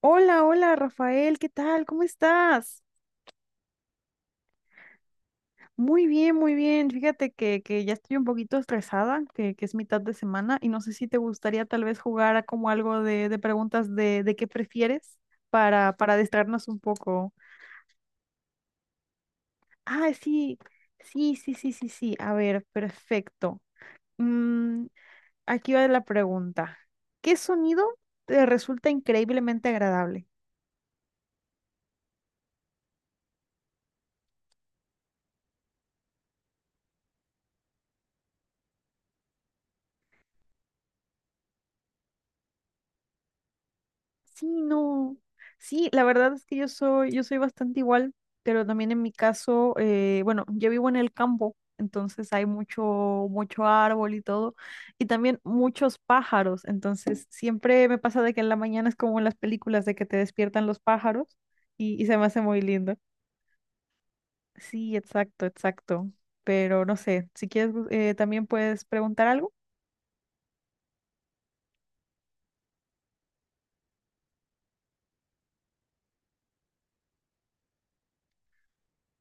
Hola, hola Rafael, ¿qué tal? ¿Cómo estás? Muy bien, muy bien. Fíjate que ya estoy un poquito estresada, que es mitad de semana y no sé si te gustaría tal vez jugar a como algo de preguntas de qué prefieres para distraernos un poco. Ah, sí, sí, sí, sí, sí, sí. A ver, perfecto. Mm, aquí va la pregunta. ¿Qué sonido te resulta increíblemente agradable? Sí, no. Sí, la verdad es que yo soy bastante igual, pero también en mi caso, bueno, yo vivo en el campo, entonces hay mucho árbol y todo, y también muchos pájaros, entonces siempre me pasa de que en la mañana es como en las películas de que te despiertan los pájaros y se me hace muy lindo. Sí, exacto, exacto. Pero no sé, si quieres, también puedes preguntar algo.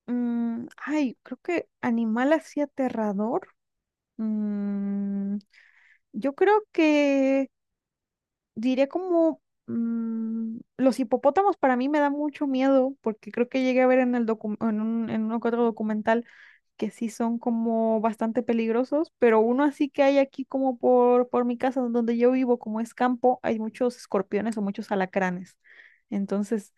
Ay, creo que animal así aterrador. Mm, Yo creo que diré como los hipopótamos para mí me da mucho miedo porque creo que llegué a ver en el en un, en uno que otro documental que sí son como bastante peligrosos, pero uno así que hay aquí como por mi casa donde yo vivo, como es campo, hay muchos escorpiones o muchos alacranes. Entonces,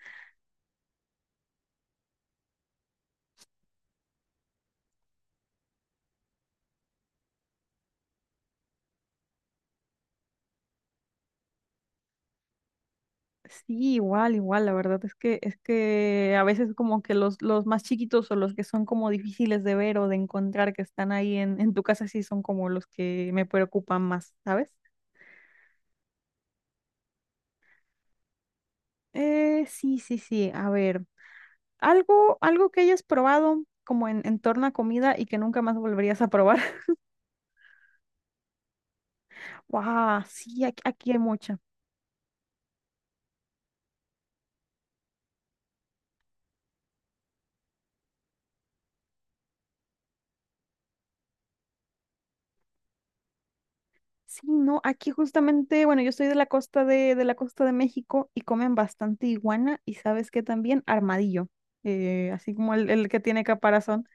sí, igual, igual, la verdad es que a veces como que los más chiquitos o los que son como difíciles de ver o de encontrar que están ahí en tu casa sí son como los que me preocupan más, ¿sabes? Sí, sí, sí, a ver, algo que hayas probado como en torno a comida y que nunca más volverías a probar. ¡Wow! Sí, aquí, aquí hay muchas. Sí, no, aquí justamente, bueno, yo soy de la costa de la costa de México y comen bastante iguana y sabes que también armadillo, así como el que tiene caparazón.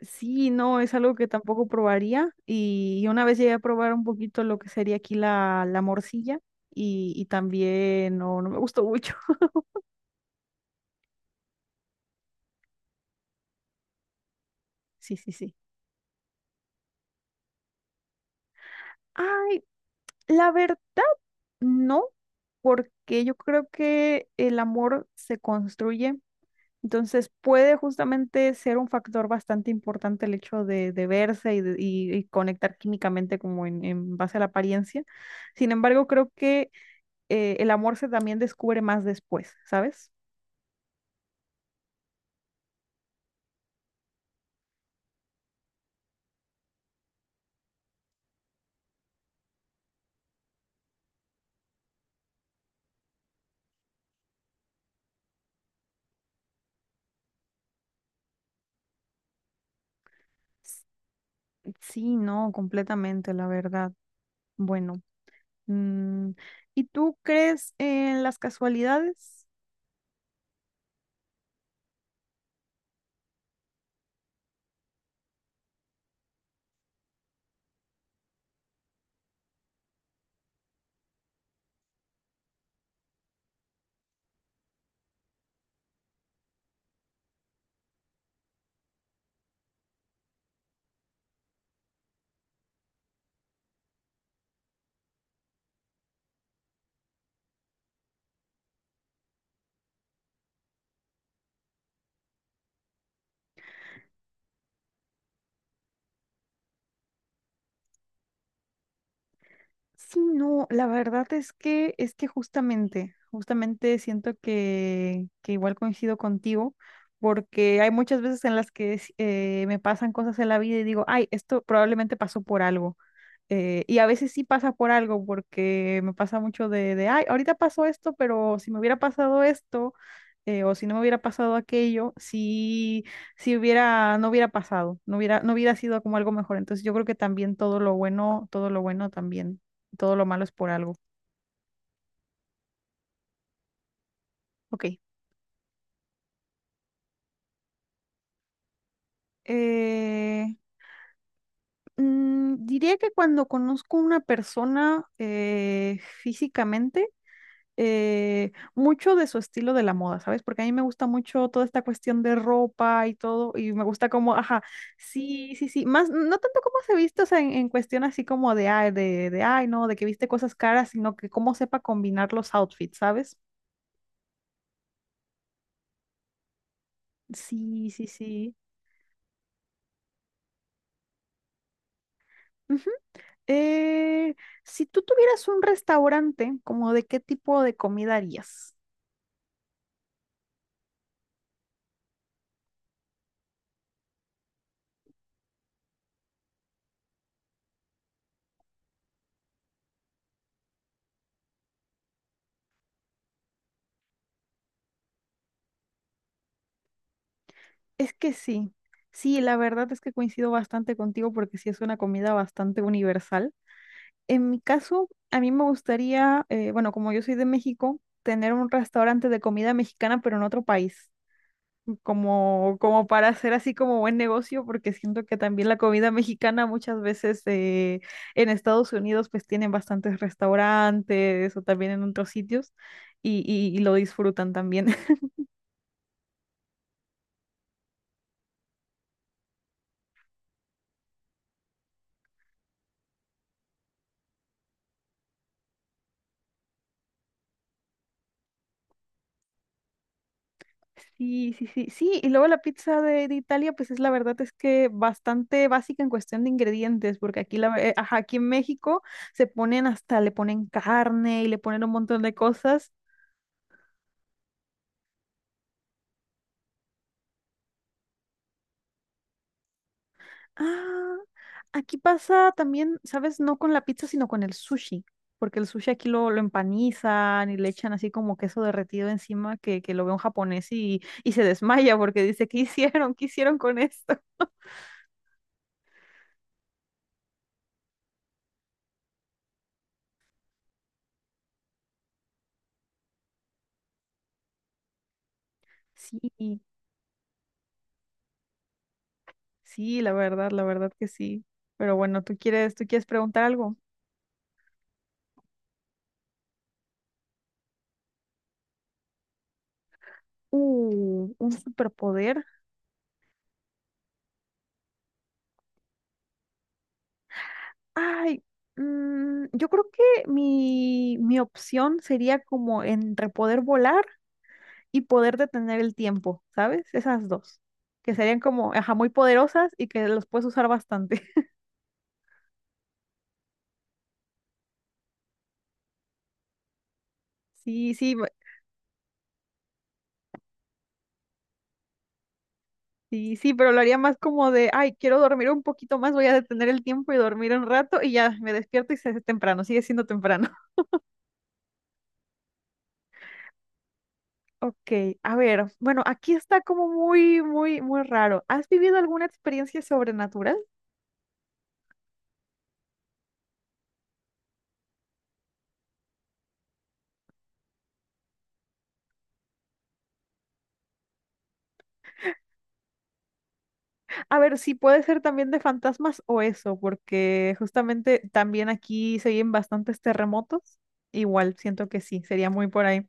Sí, no, es algo que tampoco probaría y una vez llegué a probar un poquito lo que sería aquí la, la morcilla y también no, no me gustó mucho. Sí, sí, sí. Ay, la verdad, no, porque yo creo que el amor se construye. Entonces puede justamente ser un factor bastante importante el hecho de verse y conectar químicamente como en base a la apariencia. Sin embargo, creo que el amor se también descubre más después, ¿sabes? S- Sí, no, completamente, la verdad. Bueno, mm, ¿y tú crees en las casualidades? Sí, no, la verdad es que justamente siento que igual coincido contigo, porque hay muchas veces en las que me pasan cosas en la vida y digo, ay, esto probablemente pasó por algo. Y a veces sí pasa por algo, porque me pasa mucho ay, ahorita pasó esto, pero si me hubiera pasado esto, o si no me hubiera pasado aquello, si, si hubiera, no hubiera pasado, no hubiera sido como algo mejor. Entonces yo creo que también todo lo bueno, todo lo malo es por algo. Ok. Eh, diría que cuando conozco a una persona físicamente, mucho de su estilo de la moda, ¿sabes? Porque a mí me gusta mucho toda esta cuestión de ropa y todo, y me gusta como, ajá, sí, sí, sí, más, no tanto como se viste, o sea, en cuestión así como de, ay, ay, no, de que viste cosas caras, sino que cómo sepa combinar los outfits, ¿sabes? Sí, sí, sí. Ujú. Eh, si tú tuvieras un restaurante, ¿como de qué tipo de comida harías? Es que sí, sí, la verdad es que coincido bastante contigo porque sí es una comida bastante universal. En mi caso, a mí me gustaría, bueno, como yo soy de México, tener un restaurante de comida mexicana, pero en otro país, como, como para hacer así como buen negocio, porque siento que también la comida mexicana muchas veces en Estados Unidos pues tienen bastantes restaurantes o también en otros sitios y lo disfrutan también. Sí, sí, sí, sí, y luego la pizza de Italia, pues es la verdad es que bastante básica en cuestión de ingredientes, porque aquí, la, ajá, aquí en México se ponen hasta, le ponen carne y le ponen un montón de cosas. Ah, aquí pasa también, ¿sabes? No con la pizza, sino con el sushi, porque el sushi aquí lo empanizan y le echan así como queso derretido encima que lo ve un japonés y se desmaya porque dice, ¿qué hicieron? ¿Qué hicieron con esto? Sí. Sí, la verdad que sí. Pero bueno, ¿tú quieres preguntar algo? Un superpoder. Ay, yo creo que mi opción sería como entre poder volar y poder detener el tiempo, ¿sabes? Esas dos, que serían como, ajá, muy poderosas y que los puedes usar bastante. Sí, sí, bu- sí, sí, pero lo haría más como de, ay, quiero dormir un poquito más, voy a detener el tiempo y dormir un rato y ya me despierto y se hace temprano, sigue siendo temprano. Ok, a ver, bueno, aquí está como muy, muy, muy raro. ¿Has vivido alguna experiencia sobrenatural? A ver, sí, puede ser también de fantasmas o eso, porque justamente también aquí se oyen bastantes terremotos. Igual, siento que sí, sería muy por ahí.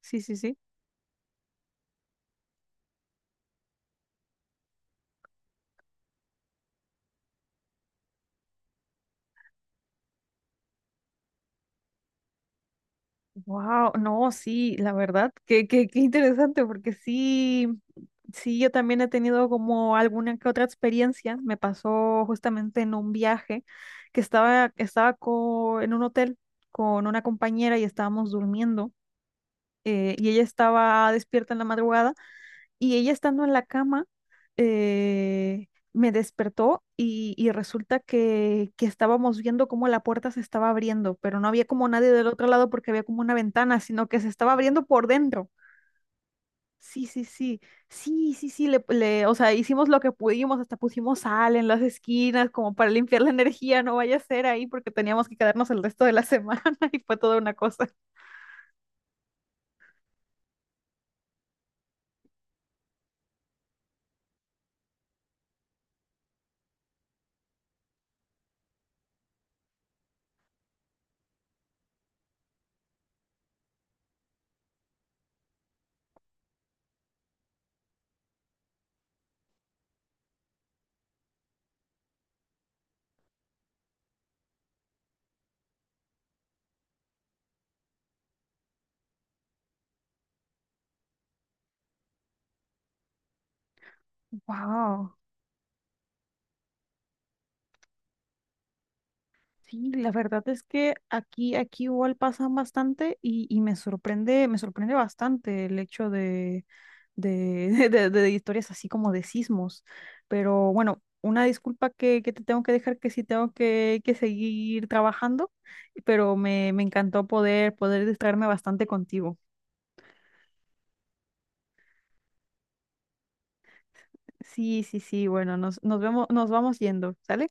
Sí, sí, sí. Wow, no, sí, la verdad, que qué, qué interesante, porque sí. Sí, yo también he tenido como alguna que otra experiencia. Me pasó justamente en un viaje estaba en un hotel con una compañera y estábamos durmiendo y ella estaba despierta en la madrugada y ella estando en la cama me despertó y resulta que estábamos viendo cómo la puerta se estaba abriendo, pero no había como nadie del otro lado porque había como una ventana, sino que se estaba abriendo por dentro. Sí, sí, sí, sí, sí, sí, o sea, hicimos lo que pudimos, hasta pusimos sal en las esquinas como para limpiar la energía, no vaya a ser ahí porque teníamos que quedarnos el resto de la semana y fue toda una cosa. Wow. Sí, la verdad es que aquí, aquí igual pasan bastante y me sorprende bastante el hecho de, de historias así como de sismos. Pero bueno, una disculpa que te tengo que dejar, que sí tengo que seguir trabajando, pero me encantó poder, poder distraerme bastante contigo. Sí, sí, sí, bueno, nos, nos vemos, nos vamos yendo, ¿sale?